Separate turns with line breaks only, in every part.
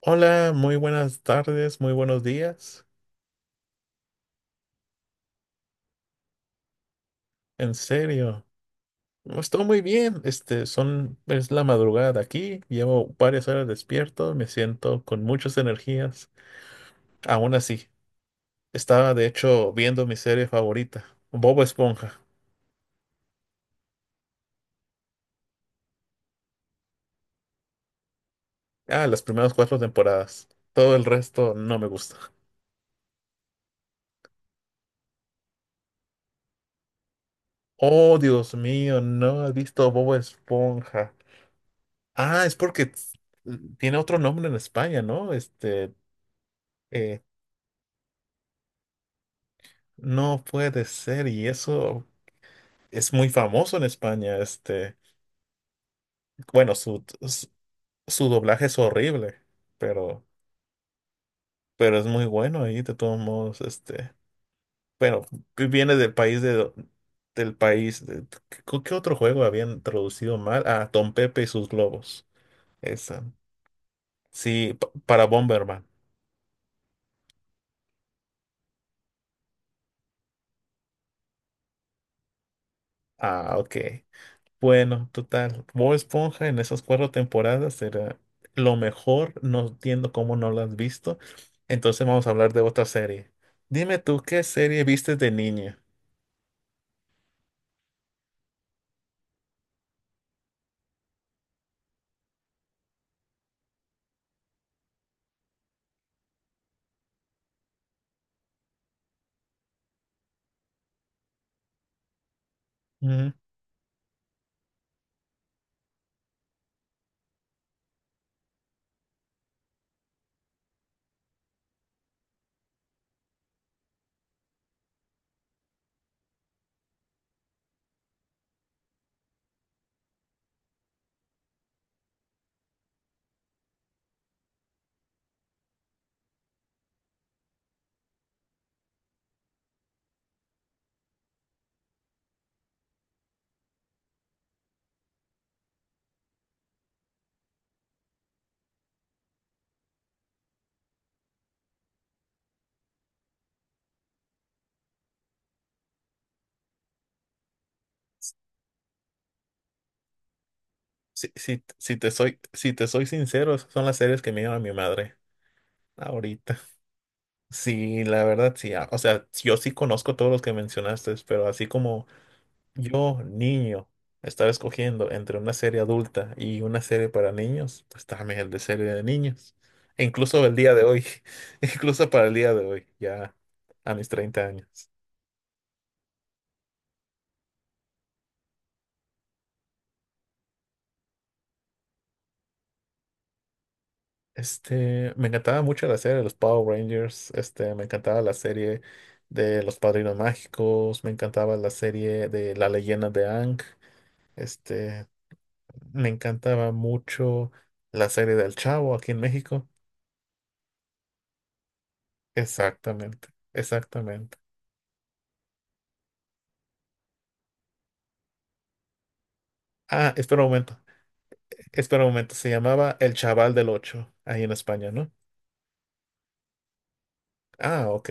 Hola, muy buenas tardes, muy buenos días. En serio, no, estoy muy bien. Este, es la madrugada aquí, llevo varias horas despierto, me siento con muchas energías. Aún así, estaba de hecho viendo mi serie favorita, Bob Esponja. Ah, las primeras cuatro temporadas. Todo el resto no me gusta. Oh, Dios mío, no has visto Bob Esponja. Ah, es porque tiene otro nombre en España, ¿no? Este, eh, no puede ser, y eso es muy famoso en España, este, bueno, su doblaje es horrible, pero, pero es muy bueno ahí, de todos modos, este, bueno, viene del país de, del país, ¿qué otro juego habían traducido mal? Ah, Don Pepe y sus globos, esa, sí, para Bomberman, ah, ok. Bueno, total, Bob Esponja en esas cuatro temporadas era lo mejor, no entiendo cómo no lo has visto. Entonces vamos a hablar de otra serie. Dime tú, ¿qué serie viste de niña? Ujú. Si te soy sincero, esas son las series que me llama mi madre ahorita. Sí, la verdad, sí. O sea, yo sí conozco todos los que mencionaste, pero así como yo, niño, estar escogiendo entre una serie adulta y una serie para niños, pues dame el de serie de niños. E incluso el día de hoy, incluso para el día de hoy, ya a mis 30 años. Este, me encantaba mucho la serie de los Power Rangers, este, me encantaba la serie de los Padrinos Mágicos, me encantaba la serie de La Leyenda de Aang, este, me encantaba mucho la serie del Chavo aquí en México. Exactamente, exactamente. Ah, espera un momento. Espera un momento. Se llamaba El Chaval del Ocho, ahí en España, ¿no? Ah, ok.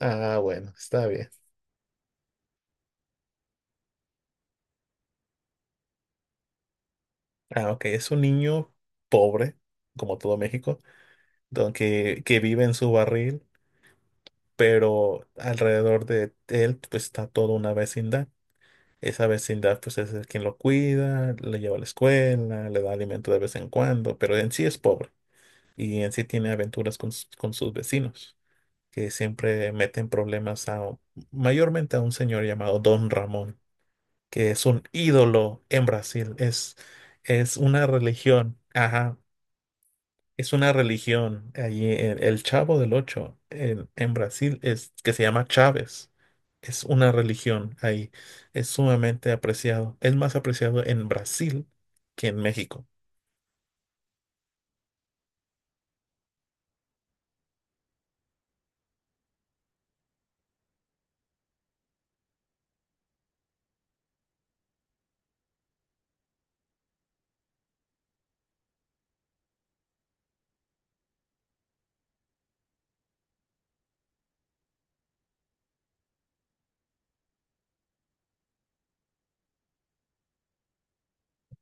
Ah, bueno, está bien. Ah, ok. Es un niño pobre, como todo México, que vive en su barril, pero alrededor de él pues, está toda una vecindad. Esa vecindad pues es el quien lo cuida, le lleva a la escuela, le da alimento de vez en cuando, pero en sí es pobre y en sí tiene aventuras con sus vecinos, que siempre meten problemas mayormente a un señor llamado Don Ramón, que es un ídolo en Brasil, es una religión, ajá, es una religión allí en el Chavo del Ocho en Brasil es que se llama Chávez. Es una religión ahí, es sumamente apreciado, es más apreciado en Brasil que en México,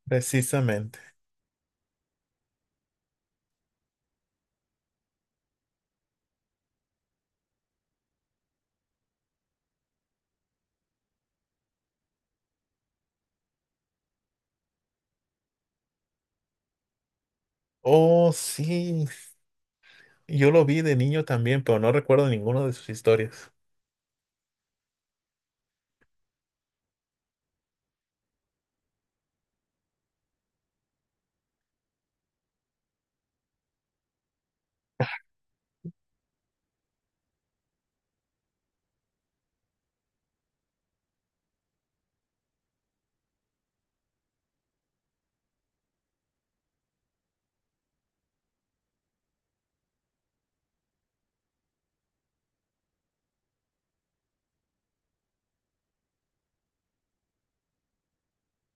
precisamente. Oh, sí, yo lo vi de niño también, pero no recuerdo ninguna de sus historias.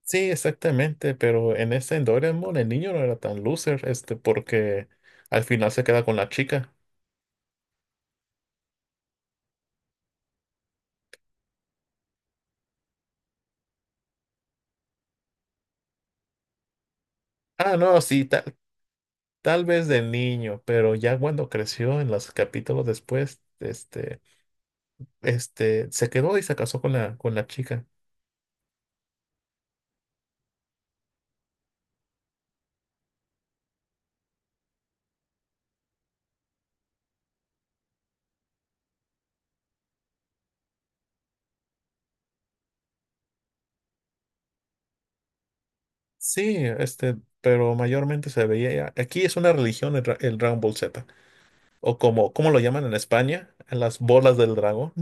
Sí, exactamente, pero en Doraemon el niño no era tan loser, este, porque al final se queda con la chica. Ah, no, sí, tal vez de niño, pero ya cuando creció en los capítulos después, este, se quedó y se casó con la chica. Sí, este, pero mayormente se veía ya. Aquí es una religión el, el Dragon Ball Z, o como, ¿cómo lo llaman en España? Las bolas del dragón.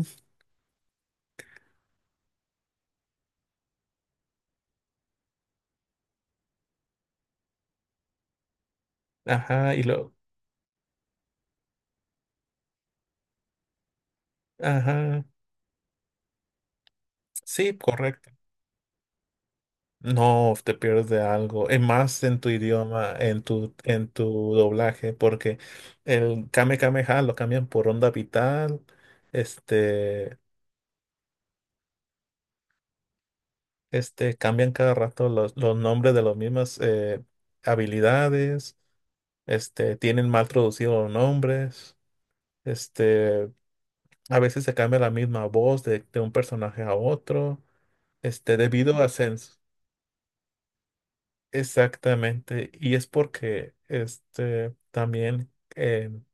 Ajá, ajá, sí, correcto. No, te pierdes de algo. Es más en tu idioma, en tu doblaje, porque el Kame Kame Ha lo cambian por Onda Vital. Este, cambian cada rato los nombres de las mismas habilidades. Este, tienen mal traducidos los nombres. Este, a veces se cambia la misma voz de un personaje a otro. Este, debido a sens. Exactamente. Y es porque este también.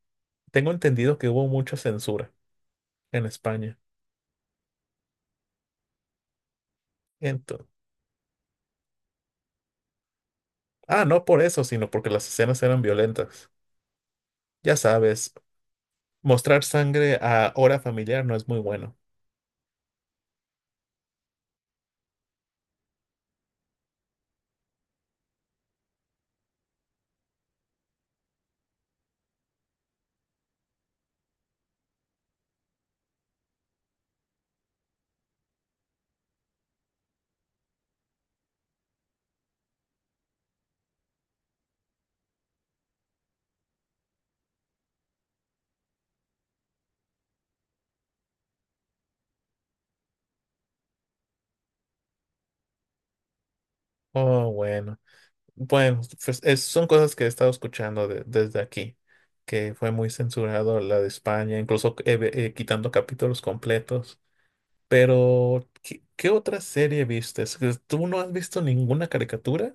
Tengo entendido que hubo mucha censura en España. Entonces, ah, no por eso, sino porque las escenas eran violentas. Ya sabes, mostrar sangre a hora familiar no es muy bueno. Oh, bueno. Bueno, pues, son cosas que he estado escuchando desde aquí, que fue muy censurado la de España, incluso quitando capítulos completos. Pero, ¿qué otra serie viste? ¿Tú no has visto ninguna caricatura?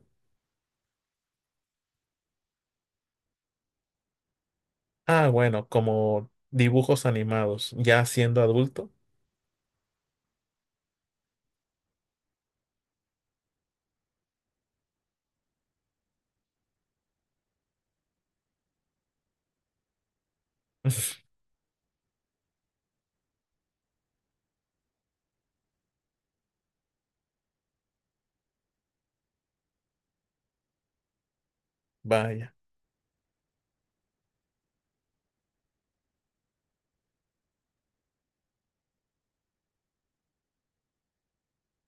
Ah, bueno, como dibujos animados, ya siendo adulto. Vaya,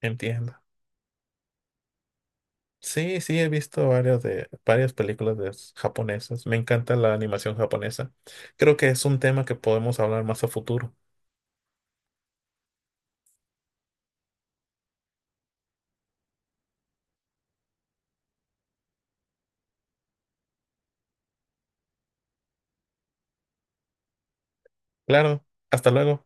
entiendo. Sí, sí, he visto varias de varias películas de japonesas. Me encanta la animación japonesa. Creo que es un tema que podemos hablar más a futuro. Claro, hasta luego.